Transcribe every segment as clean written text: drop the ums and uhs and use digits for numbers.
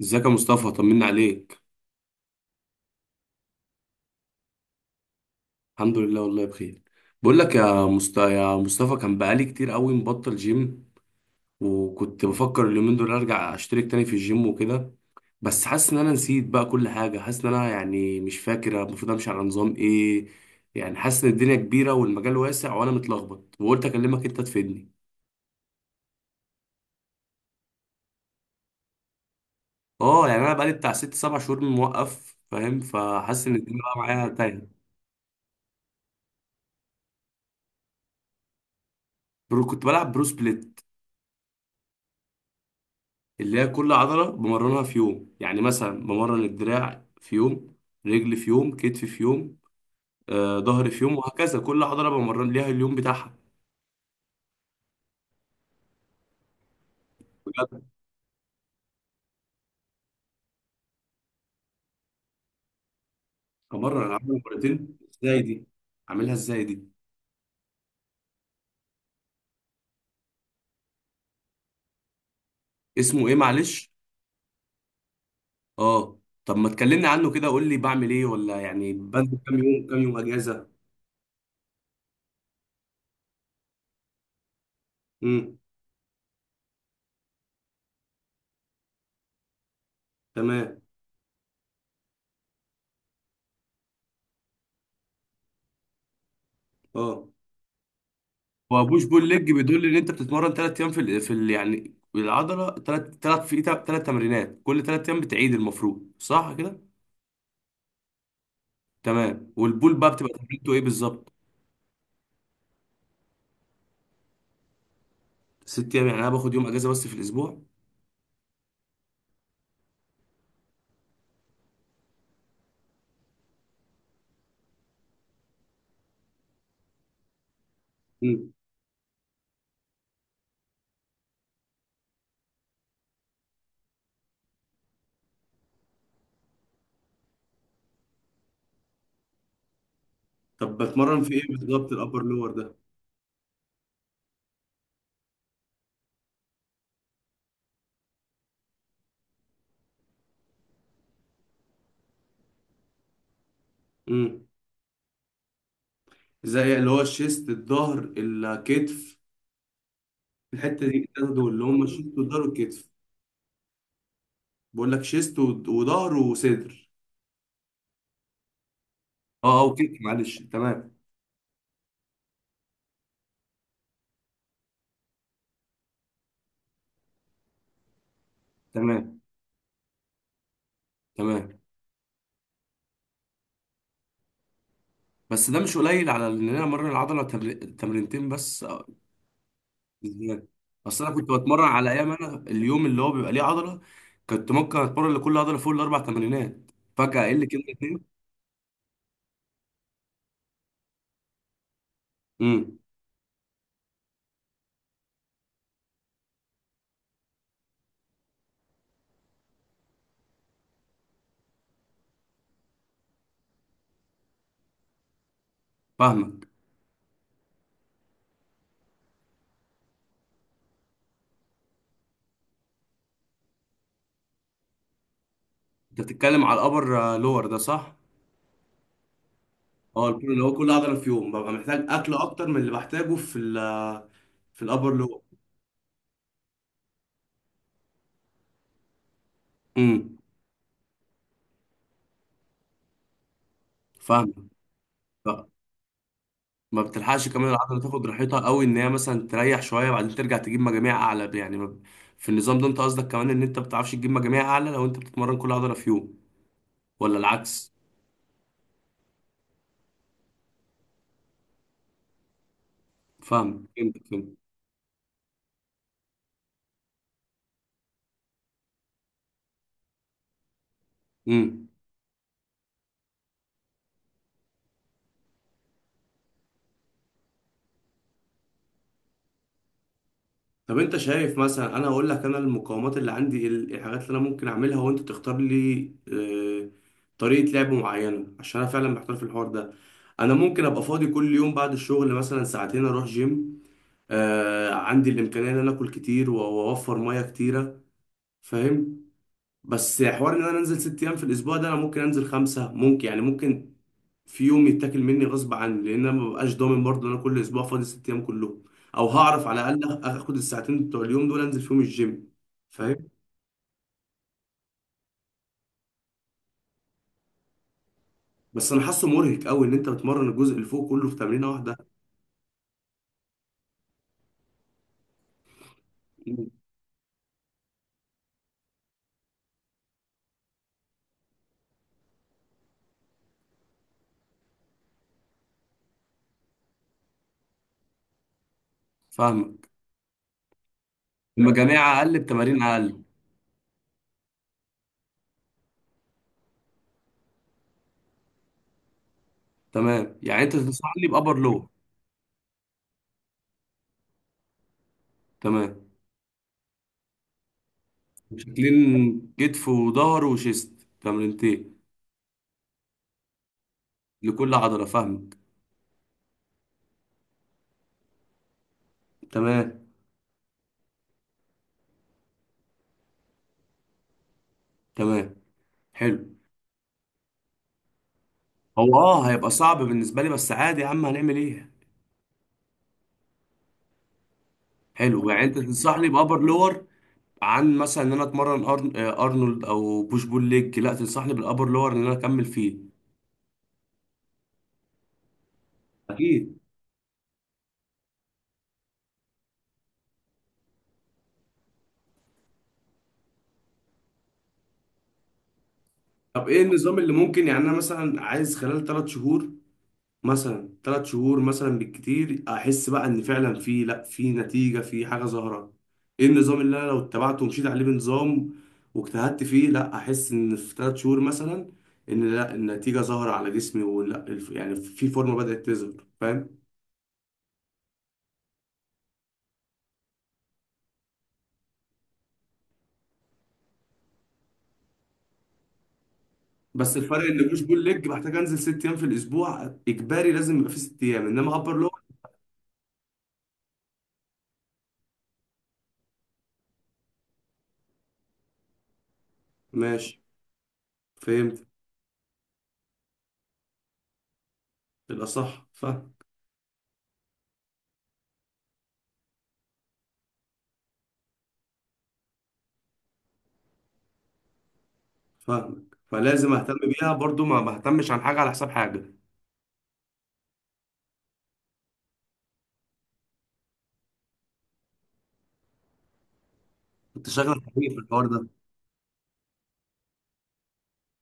ازيك يا مصطفى؟ طمنا عليك. الحمد لله والله بخير. بقول لك يا مصطفى، كان بقالي كتير قوي مبطل جيم، وكنت بفكر اليومين دول ارجع اشترك تاني في الجيم وكده. بس حاسس ان انا نسيت بقى كل حاجه، حاسس ان انا يعني مش فاكر المفروض امشي على نظام ايه. يعني حاسس ان الدنيا كبيره والمجال واسع وانا متلخبط، وقلت اكلمك انت تفيدني. اه، يعني انا بقالي بتاع ست سبع شهور موقف، فاهم، فحاسس ان الدنيا بقى معايا تايهه. كنت بلعب برو سبليت، اللي هي كل عضلة بمرنها في يوم، يعني مثلا بمرن الدراع في يوم، رجل في يوم، كتف في يوم، ظهر في يوم، وهكذا كل عضلة بمرن ليها اليوم بتاعها. بجد. أمرن العضلة مرتين؟ ازاي دي؟ أعملها ازاي دي؟ اسمه ايه معلش؟ اه. طب ما تكلمني عنه كده، قول لي بعمل ايه، ولا يعني بنزل كام يوم كام يوم اجازة؟ امم. تمام. اه. هو بوش بول ليج بيدل ان انت بتتمرن ثلاث ايام في ال يعني العضله، ثلاث في ثلاث تمرينات كل ثلاث ايام بتعيد المفروض، صح كده؟ تمام، والبول بقى بتبقى تمرينته ايه بالظبط؟ ست ايام؟ يعني انا باخد يوم اجازه بس في الاسبوع. مم. طب بتمرن في ايه بالظبط الابر لور ده؟ مم. زي اللي هو الشيست الظهر الكتف، الحته دي التلاتة دول اللي هم الشيست والظهر والكتف. بقول لك شيست وظهر وصدر. اه، اه، اوكي معلش، تمام، تمام، تمام. بس ده مش قليل على ان انا امرن العضله تمرينتين بس؟ ازاي؟ اصل انا كنت بتمرن على ايام، انا اليوم اللي هو بيبقى ليه عضله كنت ممكن اتمرن لكل عضله فوق الاربع تمرينات، فجاه اقل كده اتنين. امم. فاهمك. انت بتتكلم على الابر لور ده، صح؟ اه، البول اللي هو كل عضله في يوم ببقى محتاج اكل اكتر من اللي بحتاجه في الابر لور. امم. فاهمك. ف- ما بتلحقش كمان العضله تاخد راحتها قوي، ان هي مثلا تريح شويه بعدين ترجع تجيب مجاميع اعلى، يعني ما ب- في النظام ده انت قصدك كمان ان انت ما بتعرفش تجيب مجاميع اعلى لو انت بتتمرن كل عضله في يوم، ولا العكس؟ فاهم، فهمت، فهمت. امم. طب انت شايف، مثلا انا اقول لك انا المقاومات اللي عندي، الحاجات اللي انا ممكن اعملها، وانت تختار لي آه، طريقة لعب معينة، عشان انا فعلا محتار في الحوار ده. انا ممكن ابقى فاضي كل يوم بعد الشغل مثلا ساعتين اروح جيم، عندي الامكانية ان انا اكل كتير واوفر مية كتيرة، فاهم. بس حوار ان انا انزل ست ايام في الاسبوع ده، انا ممكن انزل خمسه ممكن، يعني ممكن في يوم يتاكل مني غصب عني لان انا مبقاش ضامن برضه ان انا كل اسبوع فاضي ست ايام كلهم، او هعرف على الاقل اخد الساعتين بتوع اليوم دول انزل فيهم الجيم، فاهم. بس انا حاسه مرهق قوي ان انت بتمرن الجزء اللي فوق كله في تمرينه واحده. فاهمك. المجاميع اقل بتمارين اقل. تمام، يعني انت تنصحني بابر لور. تمام. شكلين كتف وظهر وشيست، تمرينتين لكل عضله، فاهمك. تمام، تمام، حلو. هو هيبقى صعب بالنسبه لي، بس عادي يا عم، هنعمل ايه. حلو، يعني انت تنصحني بابر لور، عن مثلا ان انا اتمرن أرن... آه، ارنولد او بوش بول ليج؟ لا، تنصحني بالابر لور ان انا اكمل فيه. اكيد. طب ايه النظام اللي ممكن، يعني انا مثلا عايز خلال ثلاث شهور، مثلا ثلاث شهور مثلا بالكتير، احس بقى ان فعلا في، لا، في نتيجه، في حاجه ظاهره، ايه النظام اللي انا لو اتبعته ومشيت عليه بنظام واجتهدت فيه، لا احس ان في ثلاث شهور مثلا ان، لا، النتيجه ظاهره على جسمي، ولا يعني في فورمه بدات تظهر، فاهم؟ بس الفرق ان بوش بول ليج محتاج انزل ست ايام في الاسبوع اجباري، لازم يبقى في ست ايام، انما ابر لور. ماشي. فهمت. بالاصح، فاهم. فاهمك، فلازم اهتم بيها برضو، ما بهتمش عن حاجه على حساب حاجه. كنت شاغل دماغي في الحوار ده.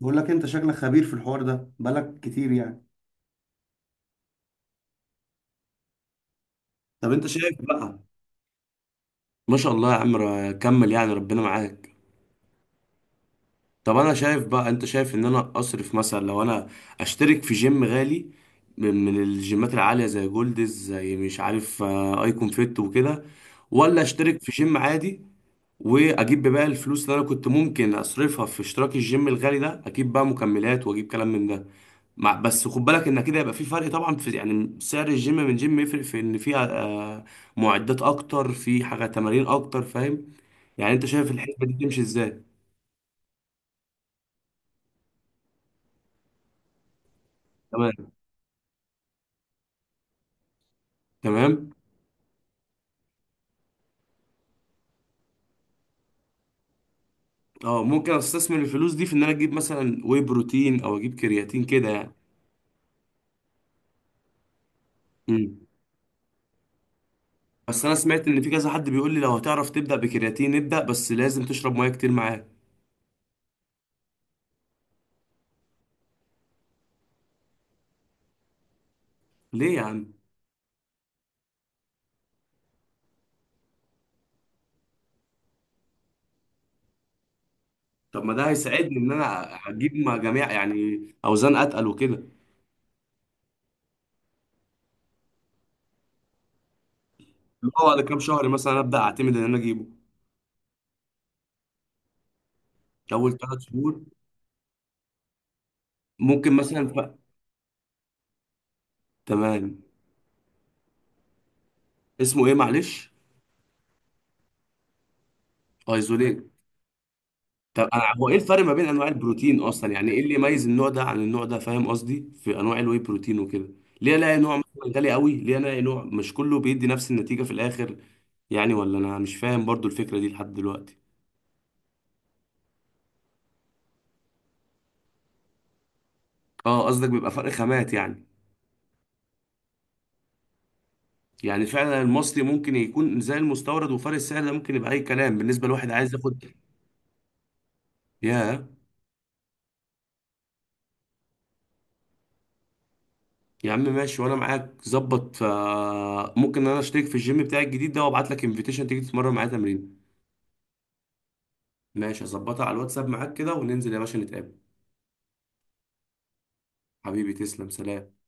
بقول لك انت شكلك خبير في الحوار ده، بقالك كتير يعني. طب انت شايف بقى. ما شاء الله يا عم، كمل يعني، ربنا معاك. طب انا شايف بقى، انت شايف ان انا اصرف مثلا، لو انا اشترك في جيم غالي، من الجيمات العالية، زي جولدز، زي مش عارف، ايكون فيت وكده، ولا اشترك في جيم عادي، واجيب بقى الفلوس اللي انا كنت ممكن اصرفها في اشتراك الجيم الغالي ده، اجيب بقى مكملات واجيب كلام من ده. مع بس خد بالك ان كده يبقى في فرق طبعا، في يعني سعر الجيم من جيم يفرق في ان فيها معدات اكتر، في حاجه تمارين اكتر، فاهم. يعني انت شايف الحسبه دي تمشي ازاي؟ تمام، تمام. اه، ممكن استثمر الفلوس دي في ان انا اجيب مثلا واي بروتين، او اجيب كرياتين كده يعني. امم. بس انا سمعت ان في كذا حد بيقول لي لو هتعرف تبدا بكرياتين، ابدا، بس لازم تشرب ميه كتير معاه. ليه يا عم؟ طب ما ده هيساعدني ان انا اجيب مع جميع يعني اوزان اتقل وكده؟ اللي هو بعد كام شهر مثلا ابدا اعتمد ان انا اجيبه؟ اول ثلاث شهور. ممكن مثلا تمام. اسمه ايه معلش؟ ايزوليت. طب هو ايه الفرق ما بين انواع البروتين اصلا، يعني ايه اللي يميز النوع ده عن النوع ده، فاهم قصدي، في انواع الواي بروتين وكده، ليه الاقي نوع مثلا غالي قوي، ليه الاقي نوع، مش كله بيدي نفس النتيجة في الاخر يعني؟ ولا انا مش فاهم برضو الفكرة دي لحد دلوقتي. اه، قصدك بيبقى فرق خامات يعني. يعني فعلا المصري ممكن يكون زي المستورد، وفرق السعر ده ممكن يبقى اي كلام بالنسبة لواحد عايز ياخد. ياه. يا عم ماشي، وانا معاك ظبط، فممكن انا اشترك في الجيم بتاعي الجديد ده وابعت لك انفيتيشن تيجي تتمرن معايا تمرين. ماشي، هظبطها على الواتساب معاك كده وننزل يا باشا نتقابل. حبيبي تسلم، سلام.